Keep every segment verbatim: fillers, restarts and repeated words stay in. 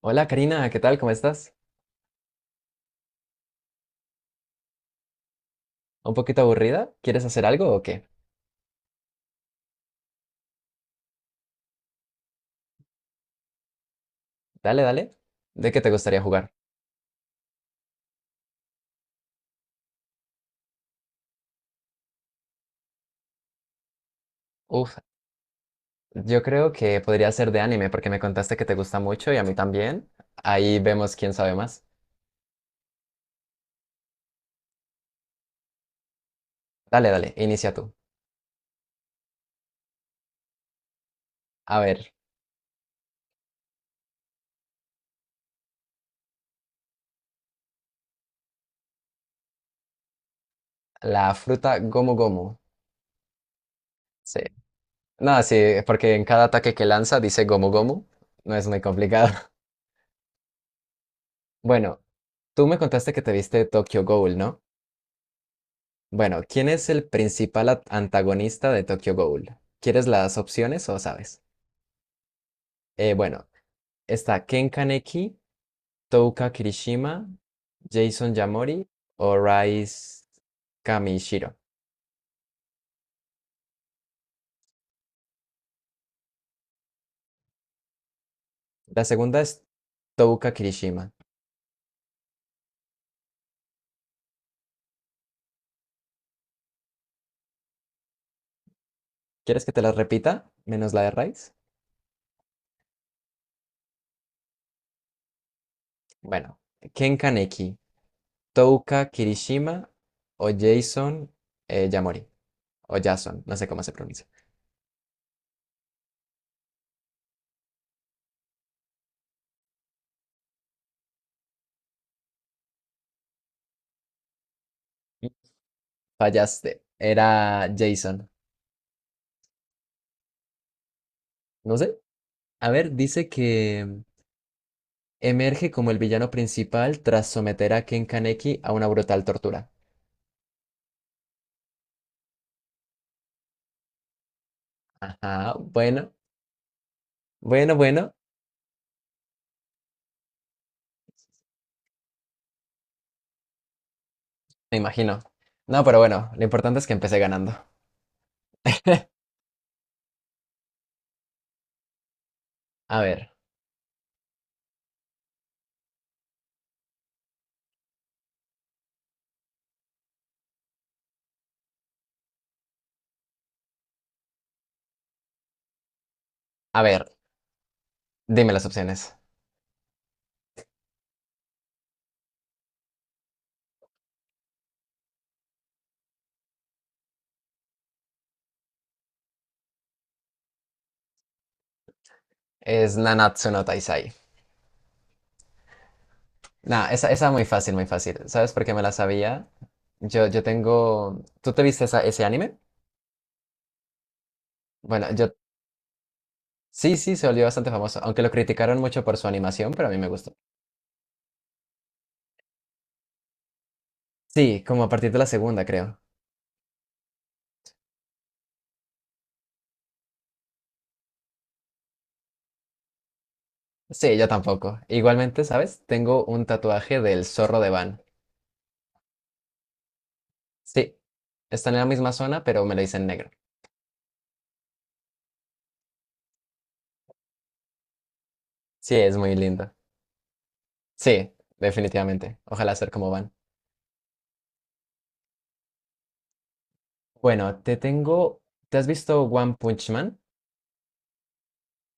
Hola Karina, ¿qué tal? ¿Cómo estás? ¿Un poquito aburrida? ¿Quieres hacer algo o qué? Dale, dale. ¿De qué te gustaría jugar? Uf, yo creo que podría ser de anime porque me contaste que te gusta mucho y a mí también. Ahí vemos quién sabe más. Dale, dale, inicia tú. A ver, la fruta Gomu Gomu. Sí. No, sí, porque en cada ataque que lanza dice Gomu Gomu. No es muy complicado. Bueno, tú me contaste que te viste Tokyo Ghoul, ¿no? Bueno, ¿quién es el principal at- antagonista de Tokyo Ghoul? ¿Quieres las opciones o sabes? Eh, bueno, está Ken Kaneki, Touka Kirishima, Jason Yamori o Rise Kamishiro. La segunda es Touka Kirishima. ¿Quieres que te las repita? Menos la de Rise. Bueno, Ken Kaneki, Touka Kirishima o Jason eh, Yamori. O Jason, no sé cómo se pronuncia. Fallaste. Era Jason. No sé. A ver, dice que emerge como el villano principal tras someter a Ken Kaneki a una brutal tortura. Ajá, bueno, bueno, bueno, me imagino. No, pero bueno, lo importante es que empecé ganando. A ver, a ver, dime las opciones. Es Nanatsu no Taizai. Nah, esa, esa muy fácil, muy fácil. ¿Sabes por qué me la sabía? Yo, yo tengo... ¿Tú te viste esa- ese anime? Bueno, yo... Sí, sí, se volvió bastante famoso, aunque lo criticaron mucho por su animación, pero a mí me gustó. Sí, como a partir de la segunda, creo. Sí, yo tampoco. Igualmente, ¿sabes? Tengo un tatuaje del zorro de Van. Sí, está en la misma zona, pero me lo hice en negro. Sí, es muy lindo. Sí, definitivamente. Ojalá ser como van. Bueno, te tengo. ¿Te has visto One Punch Man?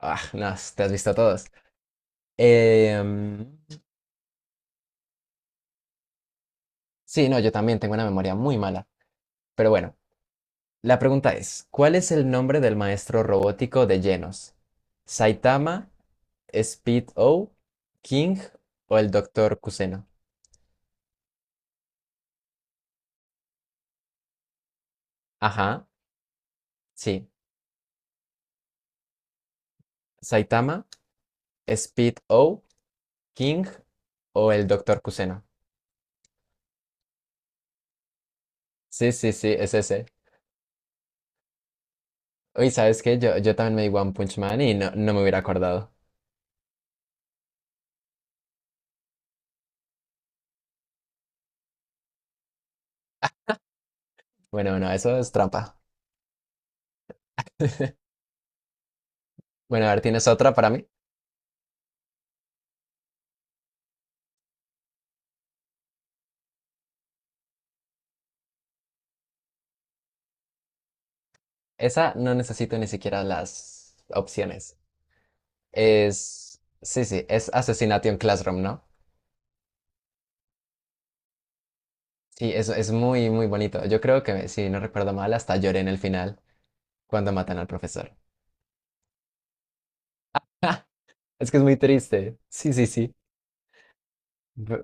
Ah, no, te has visto todos. Em, sí, no, yo también tengo una memoria muy mala. Pero bueno, la pregunta es: ¿Cuál es el nombre del maestro robótico de Genos? ¿Saitama, Speed O, King o el Doctor Kuseno? Ajá, sí. ¿Saitama, Speed O, King o el Doctor Kuseno? Sí, sí, sí, es ese. Uy, ¿sabes qué? Yo, yo también me di One Punch Man y no, no me hubiera acordado. Bueno, no, eso es trampa. Bueno, a ver, ¿tienes otra para mí? Esa no necesito ni siquiera las opciones. Es... Sí, sí, es Assassination Classroom, ¿no? Sí, es, es muy, muy bonito. Yo creo que, si no recuerdo mal, hasta lloré en el final cuando matan al profesor. Es que es muy triste. Sí, sí, sí. Ve-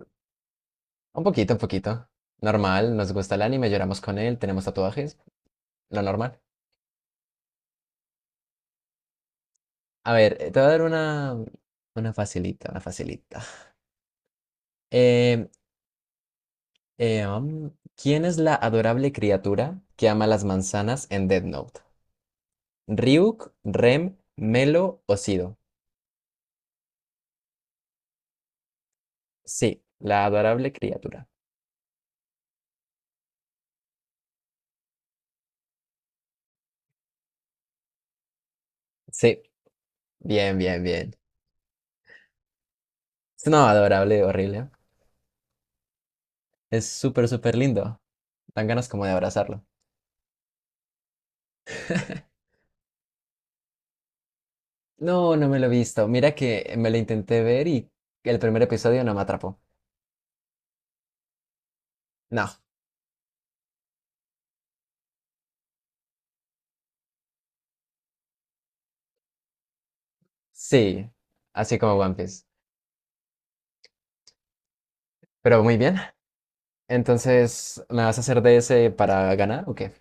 Un poquito, un poquito. Normal, nos gusta el anime, lloramos con él, tenemos tatuajes, lo normal. A ver, eh, te voy a dar una, una facilita, una facilita. Eh, eh, am, ¿quién es la adorable criatura que ama las manzanas en Death Note? ¿Ryuk, Rem, Melo o Sido? Sí, la adorable criatura. Sí, bien, bien, bien. Es no adorable, horrible. Es súper, súper lindo. Dan ganas como de abrazarlo. No, no me lo he visto. Mira que me lo intenté ver y el primer episodio no me atrapó. No, sí, así como One Piece. Pero muy bien. Entonces, ¿me vas a hacer de ese para ganar o qué?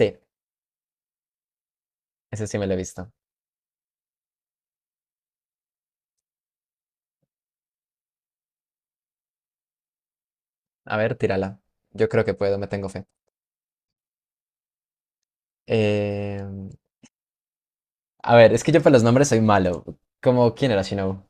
Sí, ese sí me lo he visto. A ver, tírala. Yo creo que puedo, me tengo fe. Eh, a ver, es que yo para los nombres soy malo. Como, ¿quién era Shinobu?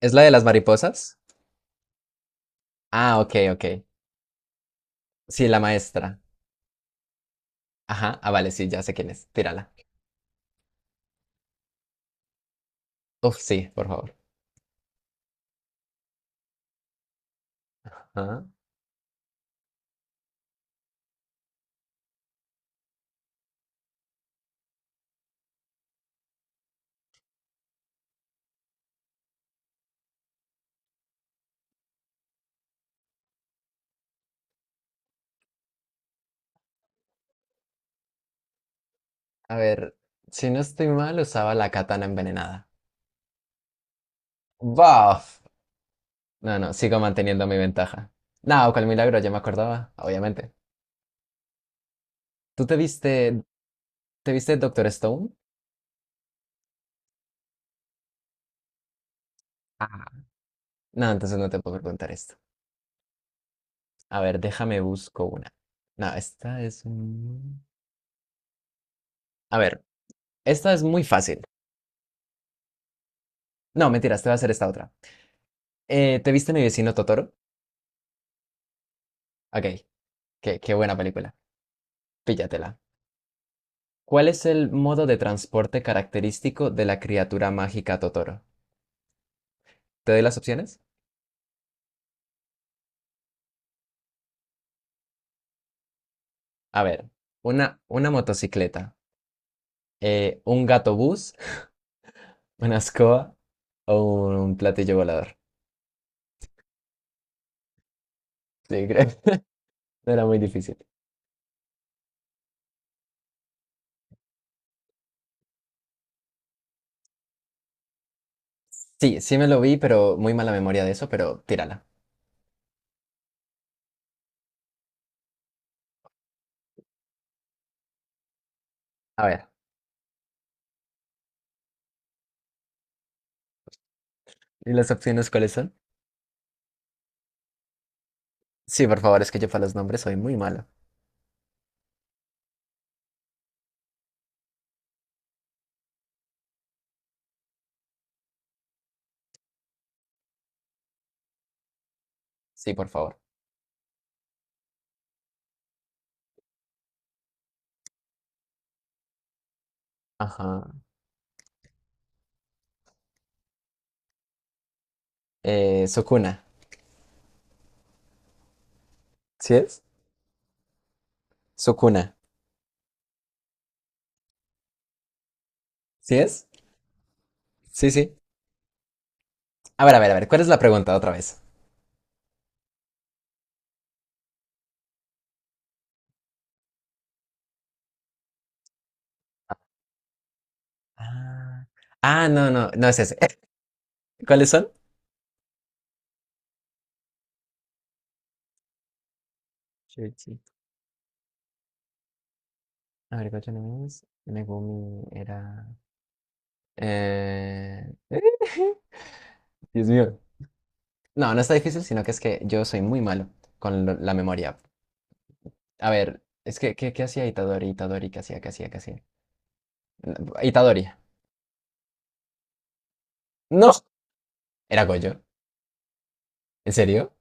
¿Es la de las mariposas? Ah, ok, ok. Sí, la maestra. Ajá, ah, vale, sí, ya sé quién es. Tírala. Uf, sí, por favor. Ajá. A ver, si no estoy mal, usaba la katana envenenada. ¡Buf! No, no, sigo manteniendo mi ventaja. No, cual milagro, ya me acordaba, obviamente. ¿Tú te viste ¿Te viste Doctor Stone? Ah, no, entonces no te puedo preguntar esto. A ver, déjame busco una. No, esta es... un- A ver, esta es muy fácil. No, mentiras, te voy a hacer esta otra. Eh, ¿te viste Mi vecino Totoro? Ok, qué, qué buena película. Píllatela. ¿Cuál es el modo de transporte característico de la criatura mágica Totoro? ¿Te doy las opciones? A ver, una, una motocicleta, eh, un gato bus, una escoba o un platillo volador. Sí, creo. No era muy difícil. Sí, sí me lo vi, pero muy mala memoria de eso, pero tírala. A ver, ¿y las opciones cuáles son? Sí, por favor, es que yo para los nombres soy muy malo. Sí, por favor. Ajá. Eh, Sukuna. ¿Sí es? Sukuna. ¿Sí es? Sí, sí. A ver, a ver, a ver, ¿cuál es la pregunta otra vez? Ah, ah, no, no, no es ese. ¿Cuáles son? Shuichi. A ver, ¿cuáles son? Megumi era... Eh... Dios mío. No, no está difícil, sino que es que yo soy muy malo con lo- la memoria. A ver, es que, ¿qué, qué hacía Itadori? Itadori, ¿qué hacía? ¿Qué hacía? ¿Qué hacía? No, Itadori. No. ¿Era Goyo? ¿En serio?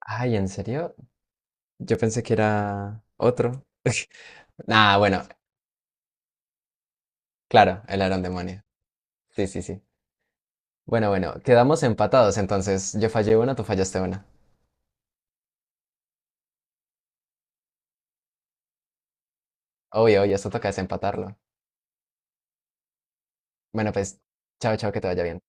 Ay, ¿en serio? Yo pensé que era otro. Ah, bueno, claro, él era un demonio. Sí, sí, sí. Bueno, bueno, quedamos empatados entonces. Yo fallé una, tú fallaste una. Obvio, obvio, esto toca desempatarlo. Bueno, pues, chao, chao, que te vaya bien.